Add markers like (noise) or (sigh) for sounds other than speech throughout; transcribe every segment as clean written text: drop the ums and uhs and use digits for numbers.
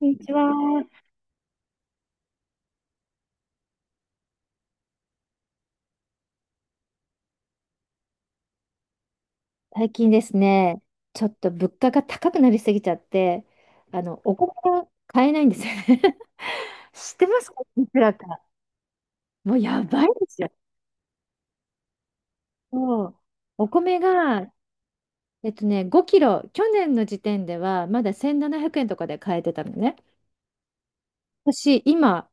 こんにちは。最近ですね、ちょっと物価が高くなりすぎちゃって、お米が買えないんですよね。(laughs) 知ってますか、いくらか。もうやばいですよ。そう。お米が、5キロ、去年の時点ではまだ1700円とかで買えてたのね。私、今、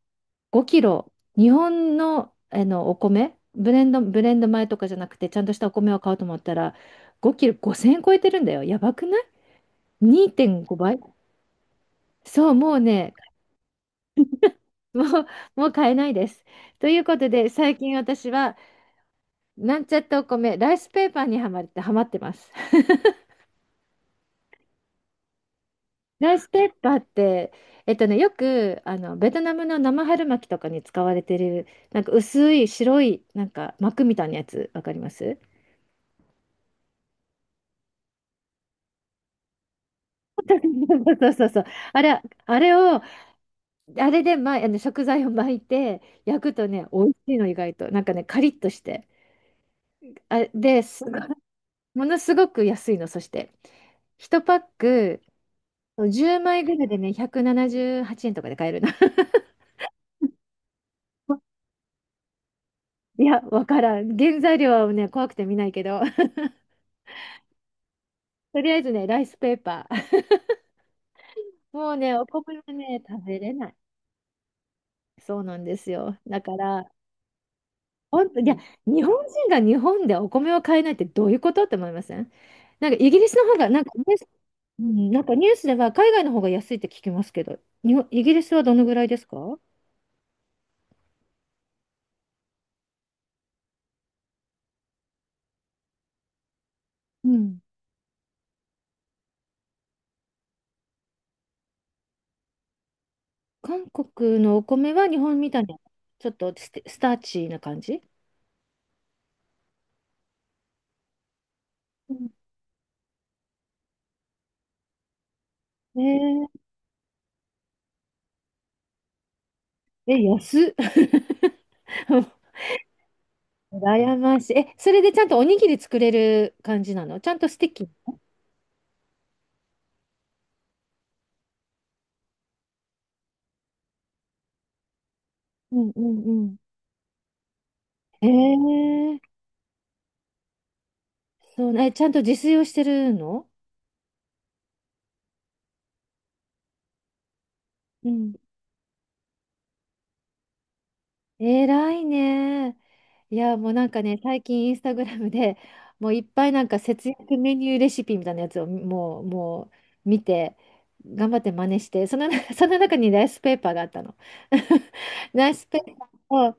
5キロ、日本の、お米、ブレンド米とかじゃなくて、ちゃんとしたお米を買おうと思ったら、5キロ5000円超えてるんだよ。やばくない？ 2.5 倍。そう、もうね、(laughs) もう、(laughs) もう買えないです。ということで、最近私は、なんちゃってお米、ライスペーパーにはまってます。(laughs) ライスペーパーって、よく、あの、ベトナムの生春巻きとかに使われてる、なんか薄い白い、なんか膜みたいなやつ、わかります？ (laughs) そうそうそう。あれ、あれを、あれで、ま、あの食材を巻いて、焼くとね、美味しいの、意外と。なんかね、カリッとして。あ、で、すごいものすごく安いの、そして。1パックそう10枚ぐらいでね、178円とかで買えるな。(laughs) いや、わからん。原材料はね、怖くて見ないけど、(laughs) とりあえずね、ライスペーパー。(laughs) もうね、お米はね、食べれない。そうなんですよ。だから、本当、いや、日本人が日本でお米を買えないってどういうことって思いません？なんかイギリスの方が、なんかニュース、うんなんかニュースでは海外の方が安いって聞きますけど、日本、イギリスはどのぐらいですか？うん。韓国のお米は日本みたいな、ちょっとステスターチーな感じ？ねえ、え、安っ。(laughs) 羨ましい。え、それでちゃんとおにぎり作れる感じなの？ちゃんとスティッキ。うんうんうん。えー、そうね、え、ちゃんと自炊をしてるの？うん。偉いね。いや、もうなんかね、最近インスタグラムでもういっぱいなんか節約メニューレシピみたいなやつをもう見て、頑張って真似して、その、(laughs) その中にライスペーパーがあったの。(laughs) ライスペーパーを、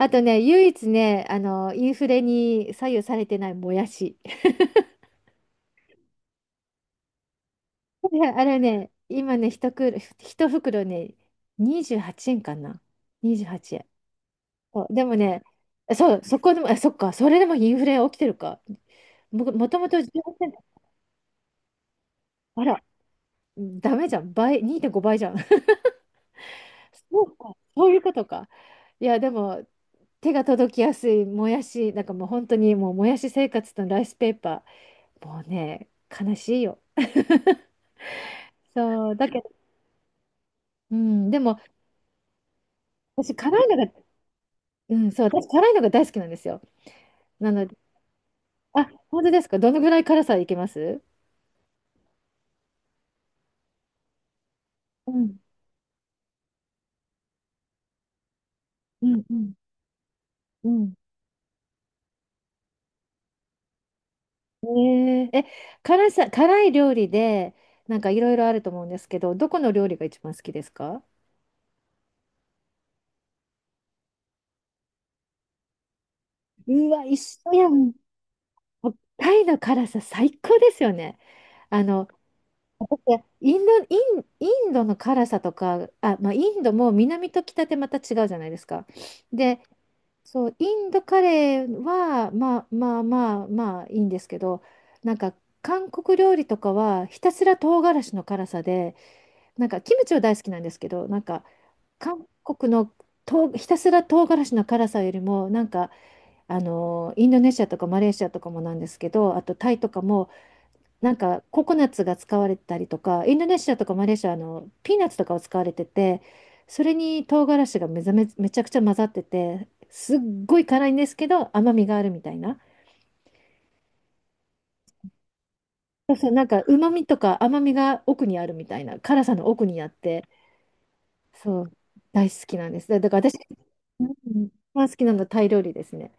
あとね、唯一ね、あの、インフレに左右されてないもやし。(laughs) ね、あれね、今ね、一袋ね、28円かな。28円。そう、でもね、そう、そこでも、あ、そっか、それでもインフレ起きてるか。もともと18円。あら、ダメじゃん。倍、2.5倍じゃん。(laughs) そうか、そういうことか。いや、でも、手が届きやすいもやし、なんかもう本当にもうもやし生活とライスペーパー。もうね、悲しいよ。そう、だけど、うん、でも、私、辛いのが、うん、そう、私、辛いのが大好きなんですよ。なので、あ、本当ですか。どのぐらい辛さいけます？うん、うん、うん、うん。ねえー、え、辛さ、辛い料理で、なんかいろいろあると思うんですけど、どこの料理が一番好きですか？うわ、一緒やん。タイの辛さ、最高ですよね。あの、いや、インドの辛さとか、あ、まあ、インドも南と北でまた違うじゃないですか。で、そう、インドカレーは、まあいいんですけど、なんか韓国料理とかはひたすら唐辛子の辛さで、なんかキムチは大好きなんですけど、なんか韓国の唐ひたすら唐辛子の辛さよりも、なんかあのインドネシアとかマレーシアとかもなんですけど、あとタイとかもなんかココナッツが使われたりとか、インドネシアとかマレーシア、あのピーナッツとかを使われてて、それに唐辛子がめざめ、めちゃくちゃ混ざってて、すっごい辛いんですけど甘みがあるみたいな。そうそう、なんか旨味とか甘みが奥にあるみたいな、辛さの奥にあって、そう、大好きなんです。だから私、うん、一番好きなのはタイ料理ですね。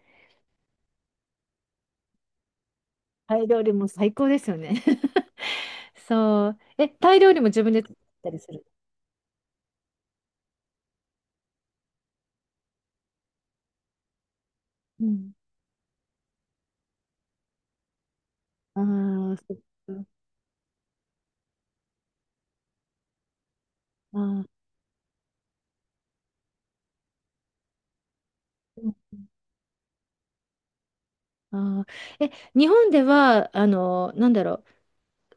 タイ料理も最高ですよね。(laughs) そう。え、タイ料理も自分で作ったりする？うん。ああ、そっか。ああ。あー、え、日本では、あの、なんだろう、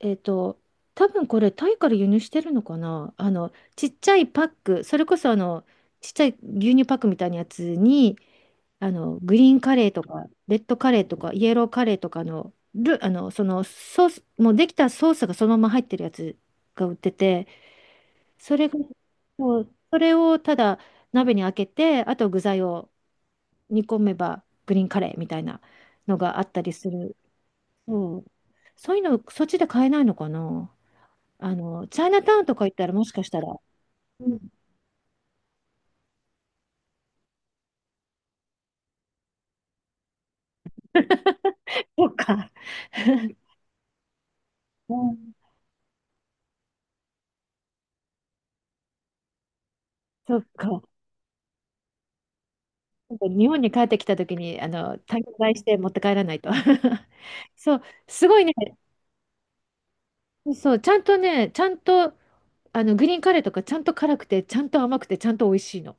えっと、多分これ、タイから輸入してるのかな。あの、ちっちゃいパック、それこそ、あの、ちっちゃい牛乳パックみたいなやつに、あの、グリーンカレーとか、レッドカレーとか、イエローカレーとかの、あの、そのソース、もうできたソースがそのまま入ってるやつが売ってて、それが、そう、それをただ鍋に開けて、あと具材を煮込めばグリーンカレーみたいなのがあったりする。そう。そういうの、そっちで買えないのかな。あの、チャイナタウンとか行ったらもしかしたら。うん。そっか。(laughs) うん。そっか。なんか日本に帰ってきた時に、あの、単価買いして持って帰らないと。(laughs) そう、すごいね。そう、ちゃんとね、ちゃんと、あの、グリーンカレーとかちゃんと辛くて、ちゃんと甘くて、ちゃんと美味しいの。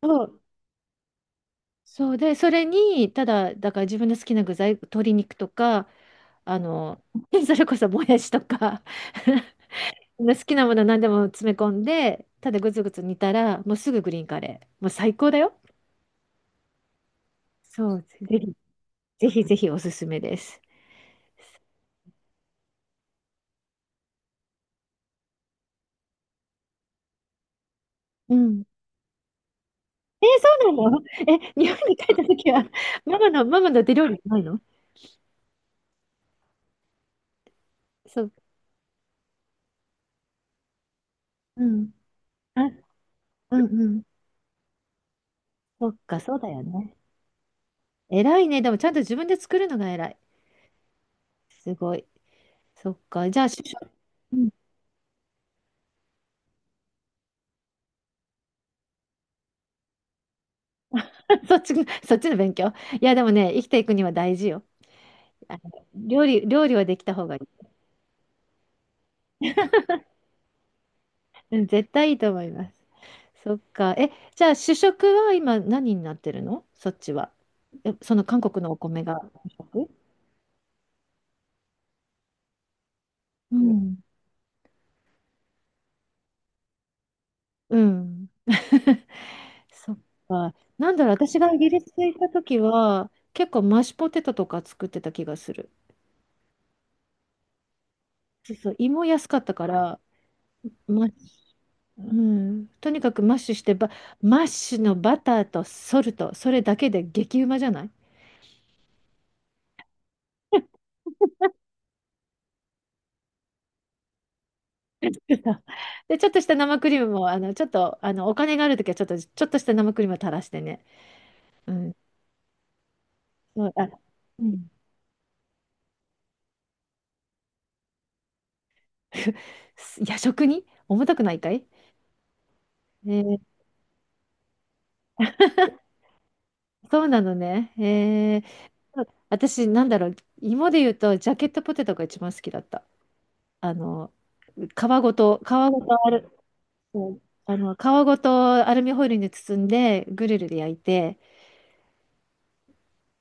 そう、そうで、それに、ただ、だから自分の好きな具材、鶏肉とか、あの、(laughs) それこそもやしとか、(laughs) 好きなもの何でも詰め込んで、ただぐつぐつ煮たら、もうすぐグリーンカレー。もう最高だよ。そう、ぜひぜひおすすめです。うん。えー、そうなの？え、日本に帰った時は、ママの手料理ないの？そう。うん。あ、うんうん。そっか、そうだよね。偉いね。でもちゃんと自分で作るのが偉い。すごい。そっか。じゃあ、主食、うん。 (laughs) そっち、そっちの勉強。いや、でもね、生きていくには大事よ。あの、料理はできた方がいい。うん、絶対いいと思います。そっか。え、じゃあ主食は今何になってるの、そっちは。え、その韓国のお米が主食？うん。うん。(laughs) そっか。なんだろう、私がイギリスに行った時は、結構マッシュポテトとか作ってた気がする。そうそう、胃も安かったから、マッシュ、うん、とにかくマッシュしてば、マッシュのバターとソルト、それだけで激うまじゃない？ (laughs) で、ちょっとした生クリームも、あの、ちょっと、あの、お金があるときは、ちょっとした生クリームを垂らしてね。うん。そう、あ、うん。(laughs) 夜食に重たくないかい？えー、そうなのね。えー、そう、私、なんだろう、芋で言うと、ジャケットポテトが一番好きだった。あの、皮皮ごとアル、うん、あの、皮ごとアルミホイルに包んで、グリルで焼いて、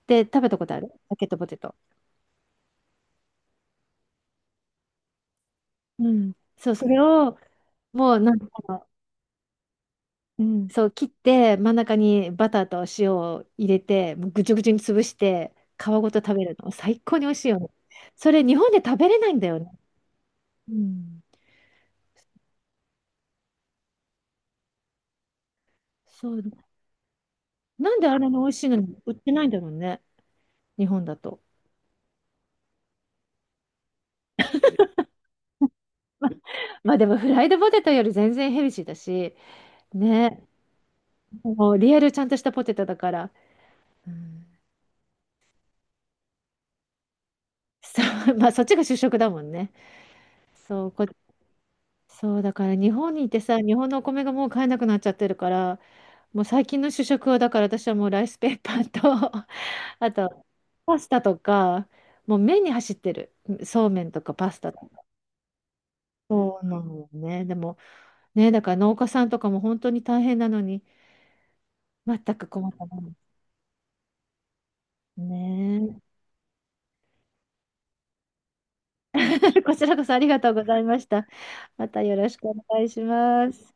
で、食べたことある、ジャケットポテト。うん。そう、それを、もう、なんか、うん、そう、切って真ん中にバターと塩を入れてもうぐちゅぐちゅに潰して皮ごと食べるの最高に美味しいよね。それ日本で食べれないんだよね。うん、そう、なんであれの美味しいのに売ってないんだろうね、日本だと。(laughs) まあでもフライドポテトより全然ヘルシーだしね、もうリアルちゃんとしたポテトだから、うん、そう。 (laughs) まあそっちが主食だもんね。そう、こそうだから日本にいてさ、日本のお米がもう買えなくなっちゃってるから。もう最近の主食はだから私はもうライスペーパーと (laughs) あとパスタとか、もう麺に走ってる、そうめんとかパスタとか、そうなのよね。でもね、だから農家さんとかも本当に大変なのに、全く困ったもんですね。 (laughs) こちらこそありがとうございました。またよろしくお願いします。